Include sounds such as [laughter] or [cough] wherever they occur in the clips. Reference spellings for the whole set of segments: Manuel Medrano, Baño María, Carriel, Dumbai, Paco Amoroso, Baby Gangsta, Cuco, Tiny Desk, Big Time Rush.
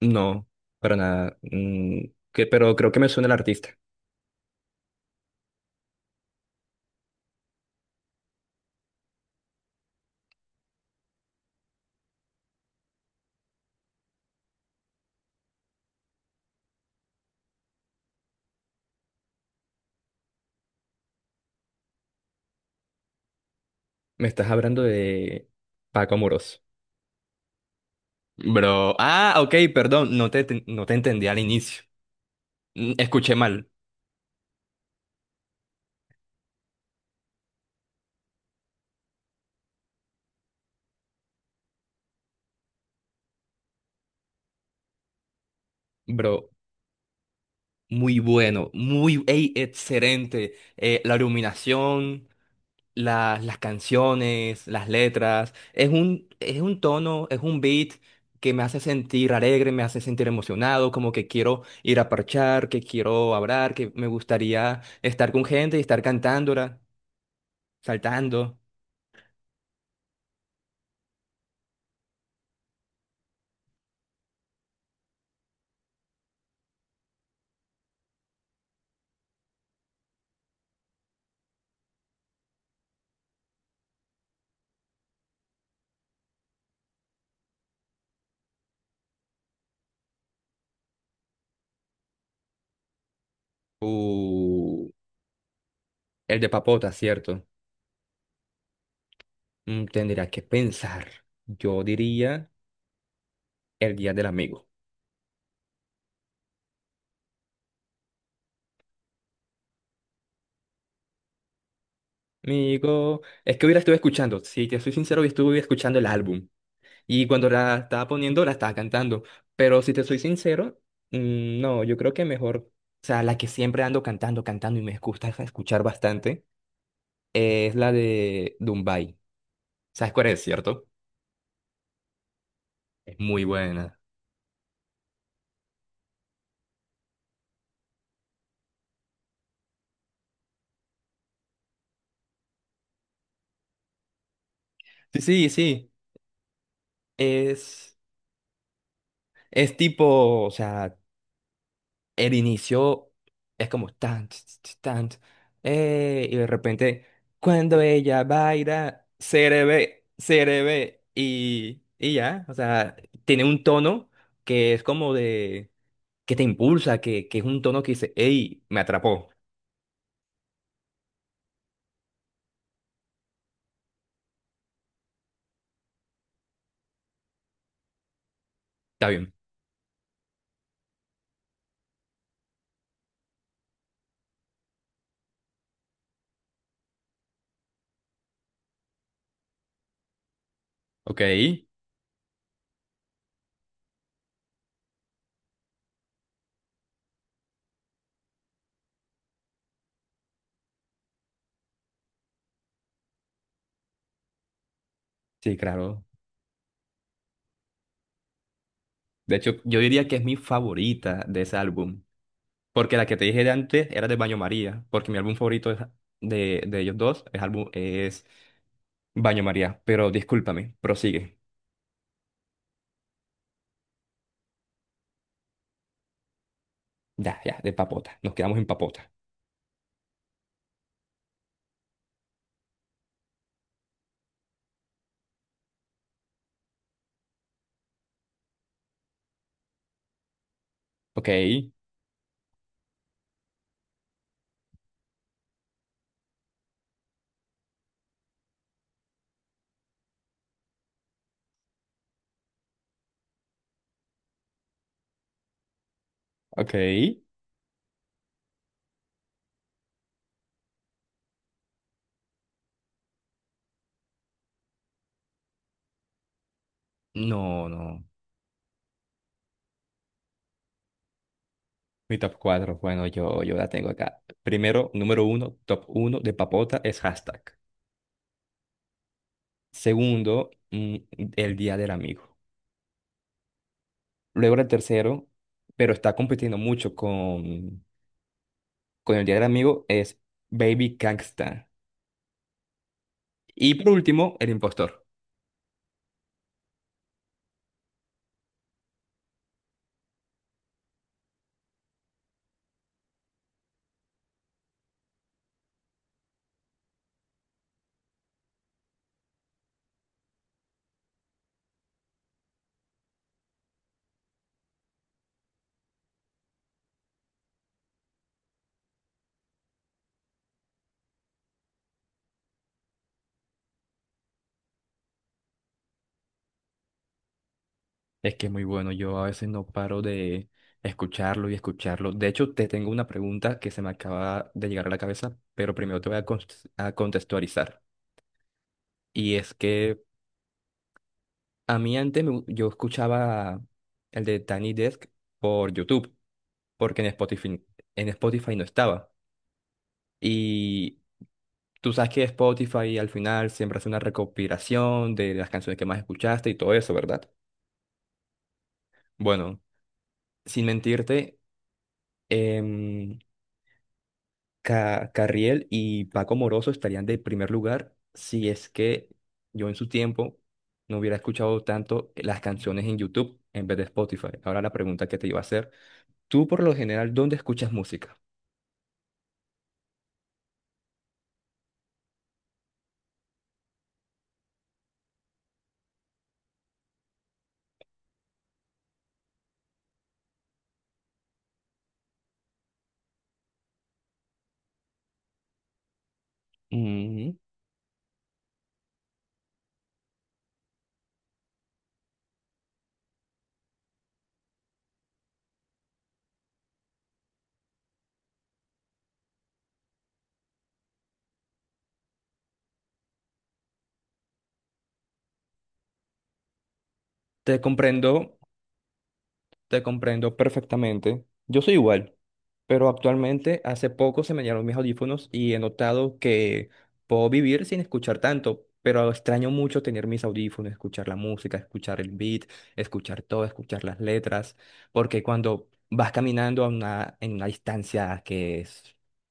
No, para nada. Pero creo que me suena el artista. Me estás hablando de Paco Amoroso. Bro, ok, perdón, no te entendí al inicio. Escuché mal. Bro, muy bueno, ey, excelente. La iluminación, las canciones, las letras. Es un tono, es un beat que me hace sentir alegre, me hace sentir emocionado, como que quiero ir a parchar, que quiero hablar, que me gustaría estar con gente y estar cantándola, saltando. Uh, el de papota, ¿cierto? Tendría que pensar. Yo diría el Día del Amigo. Amigo, es que hubiera estuve escuchando, si te soy sincero, hoy estuve escuchando el álbum. Y cuando la estaba poniendo, la estaba cantando. Pero si te soy sincero, no, yo creo que mejor, o sea, la que siempre ando cantando, cantando y me gusta escuchar bastante, es la de Dumbai. ¿Sabes cuál es, cierto? Es muy buena. Sí, sí, sí. Es, es tipo, o sea, el inicio es como tan, ts, ts, tan, ts, y de repente, cuando ella baila, se le ve, y ya, o sea, tiene un tono que es como de, que te impulsa, que es un tono que dice, hey, me atrapó, está bien, ok, sí, claro. De hecho, yo diría que es mi favorita de ese álbum, porque la que te dije de antes era de Baño María, porque mi álbum favorito es de ellos dos es, álbum, es Baño María, pero discúlpame, prosigue. Ya, ya, de papota. Nos quedamos en papota. Ok, ok. No, no. Mi top 4, bueno, yo la tengo acá. Primero, número uno, top uno de papota es hashtag. Segundo, el Día del Amigo. Luego el tercero, pero está compitiendo mucho con el Día del Amigo, es Baby Gangsta. Y por último, el impostor. Es que es muy bueno, yo a veces no paro de escucharlo y escucharlo. De hecho, te tengo una pregunta que se me acaba de llegar a la cabeza, pero primero te voy a, a contextualizar. Y es que a mí antes yo escuchaba el de Tiny Desk por YouTube, porque en Spotify no estaba. Y tú sabes que Spotify al final siempre hace una recopilación de las canciones que más escuchaste y todo eso, ¿verdad? Bueno, sin mentirte, em, Carriel y Paco Moroso estarían de primer lugar si es que yo en su tiempo no hubiera escuchado tanto las canciones en YouTube en vez de Spotify. Ahora la pregunta que te iba a hacer, tú por lo general, ¿dónde escuchas música? Mm, Te comprendo. Te comprendo perfectamente. Yo soy igual, pero actualmente hace poco se me llenaron mis audífonos y he notado que puedo vivir sin escuchar tanto, pero extraño mucho tener mis audífonos, escuchar la música, escuchar el beat, escuchar todo, escuchar las letras, porque cuando vas caminando en una distancia que es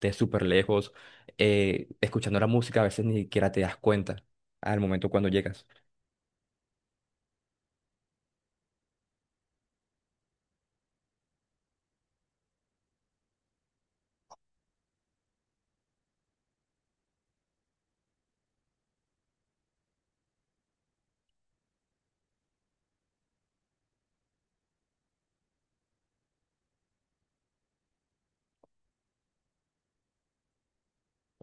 de súper lejos, escuchando la música a veces ni siquiera te das cuenta al momento cuando llegas.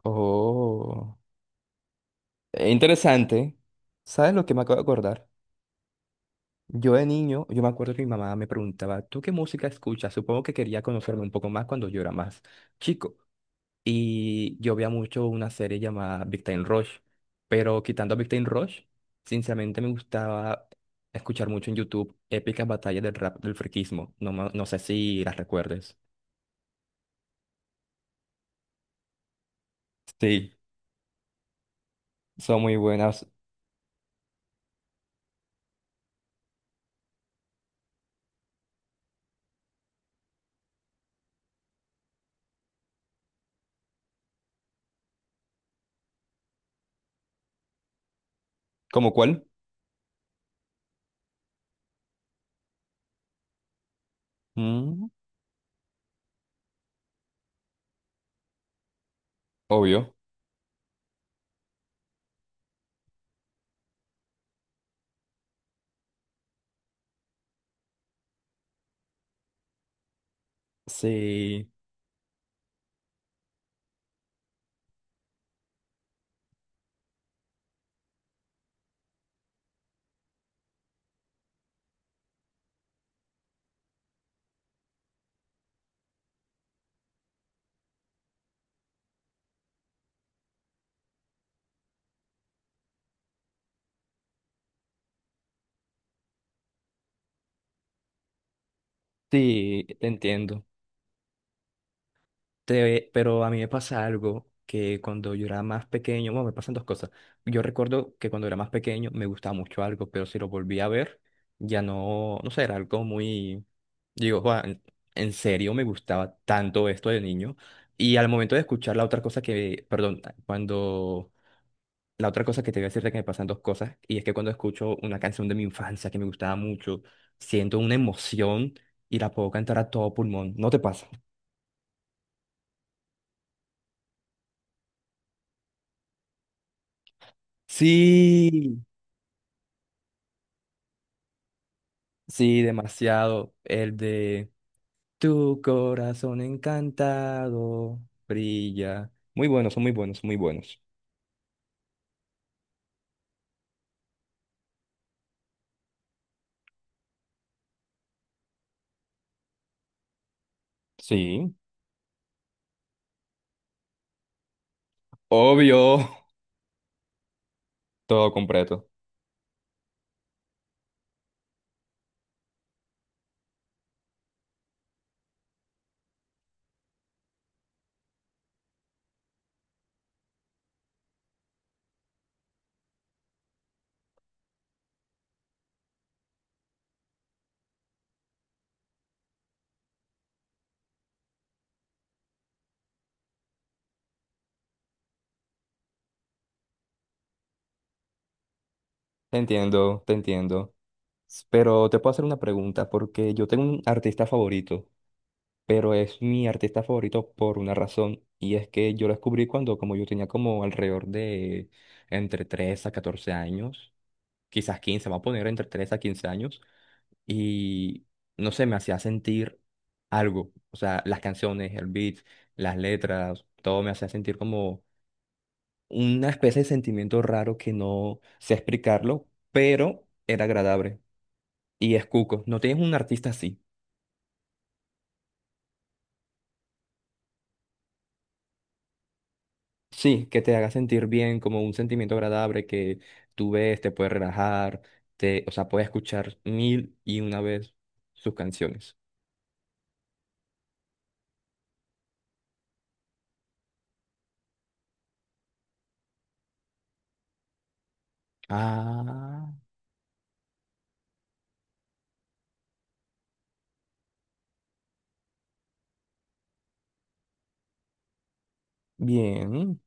Oh, interesante. ¿Sabes lo que me acabo de acordar? Yo de niño, yo me acuerdo que mi mamá me preguntaba, ¿tú qué música escuchas? Supongo que quería conocerme un poco más cuando yo era más chico. Y yo veía mucho una serie llamada Big Time Rush, pero quitando a Big Time Rush, sinceramente me gustaba escuchar mucho en YouTube épicas batallas del rap del friquismo. No, no sé si las recuerdes. Sí, son muy buenas. ¿Cómo cuál? Mm, obvio. Sí, sí, te entiendo. Pero a mí me pasa algo que cuando yo era más pequeño, bueno, me pasan dos cosas. Yo recuerdo que cuando era más pequeño me gustaba mucho algo, pero si lo volví a ver, ya no, no sé, era algo muy, digo, "Juan, en serio me gustaba tanto esto de niño". Y al momento de escuchar la otra cosa que, perdón, cuando, la otra cosa que te voy a decir de que me pasan dos cosas, y es que cuando escucho una canción de mi infancia que me gustaba mucho, siento una emoción y la puedo cantar a todo pulmón. ¿No te pasa? Sí. Sí, demasiado. El de Tu corazón encantado brilla. Muy buenos, son muy buenos, muy buenos. Sí, obvio. [laughs] Todo completo. Te entiendo, te entiendo. Pero te puedo hacer una pregunta porque yo tengo un artista favorito, pero es mi artista favorito por una razón y es que yo lo descubrí cuando como yo tenía como alrededor de entre 3 a 14 años, quizás 15. Vamos a poner entre 3 a 15 años. Y no sé, me hacía sentir algo. O sea, las canciones, el beat, las letras, todo me hacía sentir como una especie de sentimiento raro que no sé explicarlo, pero era agradable. Y es Cuco, ¿no tienes un artista así? Sí, que te haga sentir bien, como un sentimiento agradable que tú ves, te puede relajar, te, o sea, puedes escuchar mil y una vez sus canciones. Ah, bien.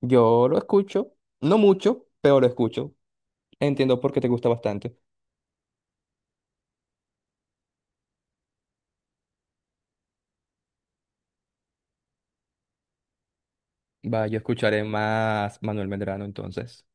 Yo lo escucho, no mucho, pero lo escucho. Entiendo por qué te gusta bastante. Va, yo escucharé más Manuel Medrano entonces.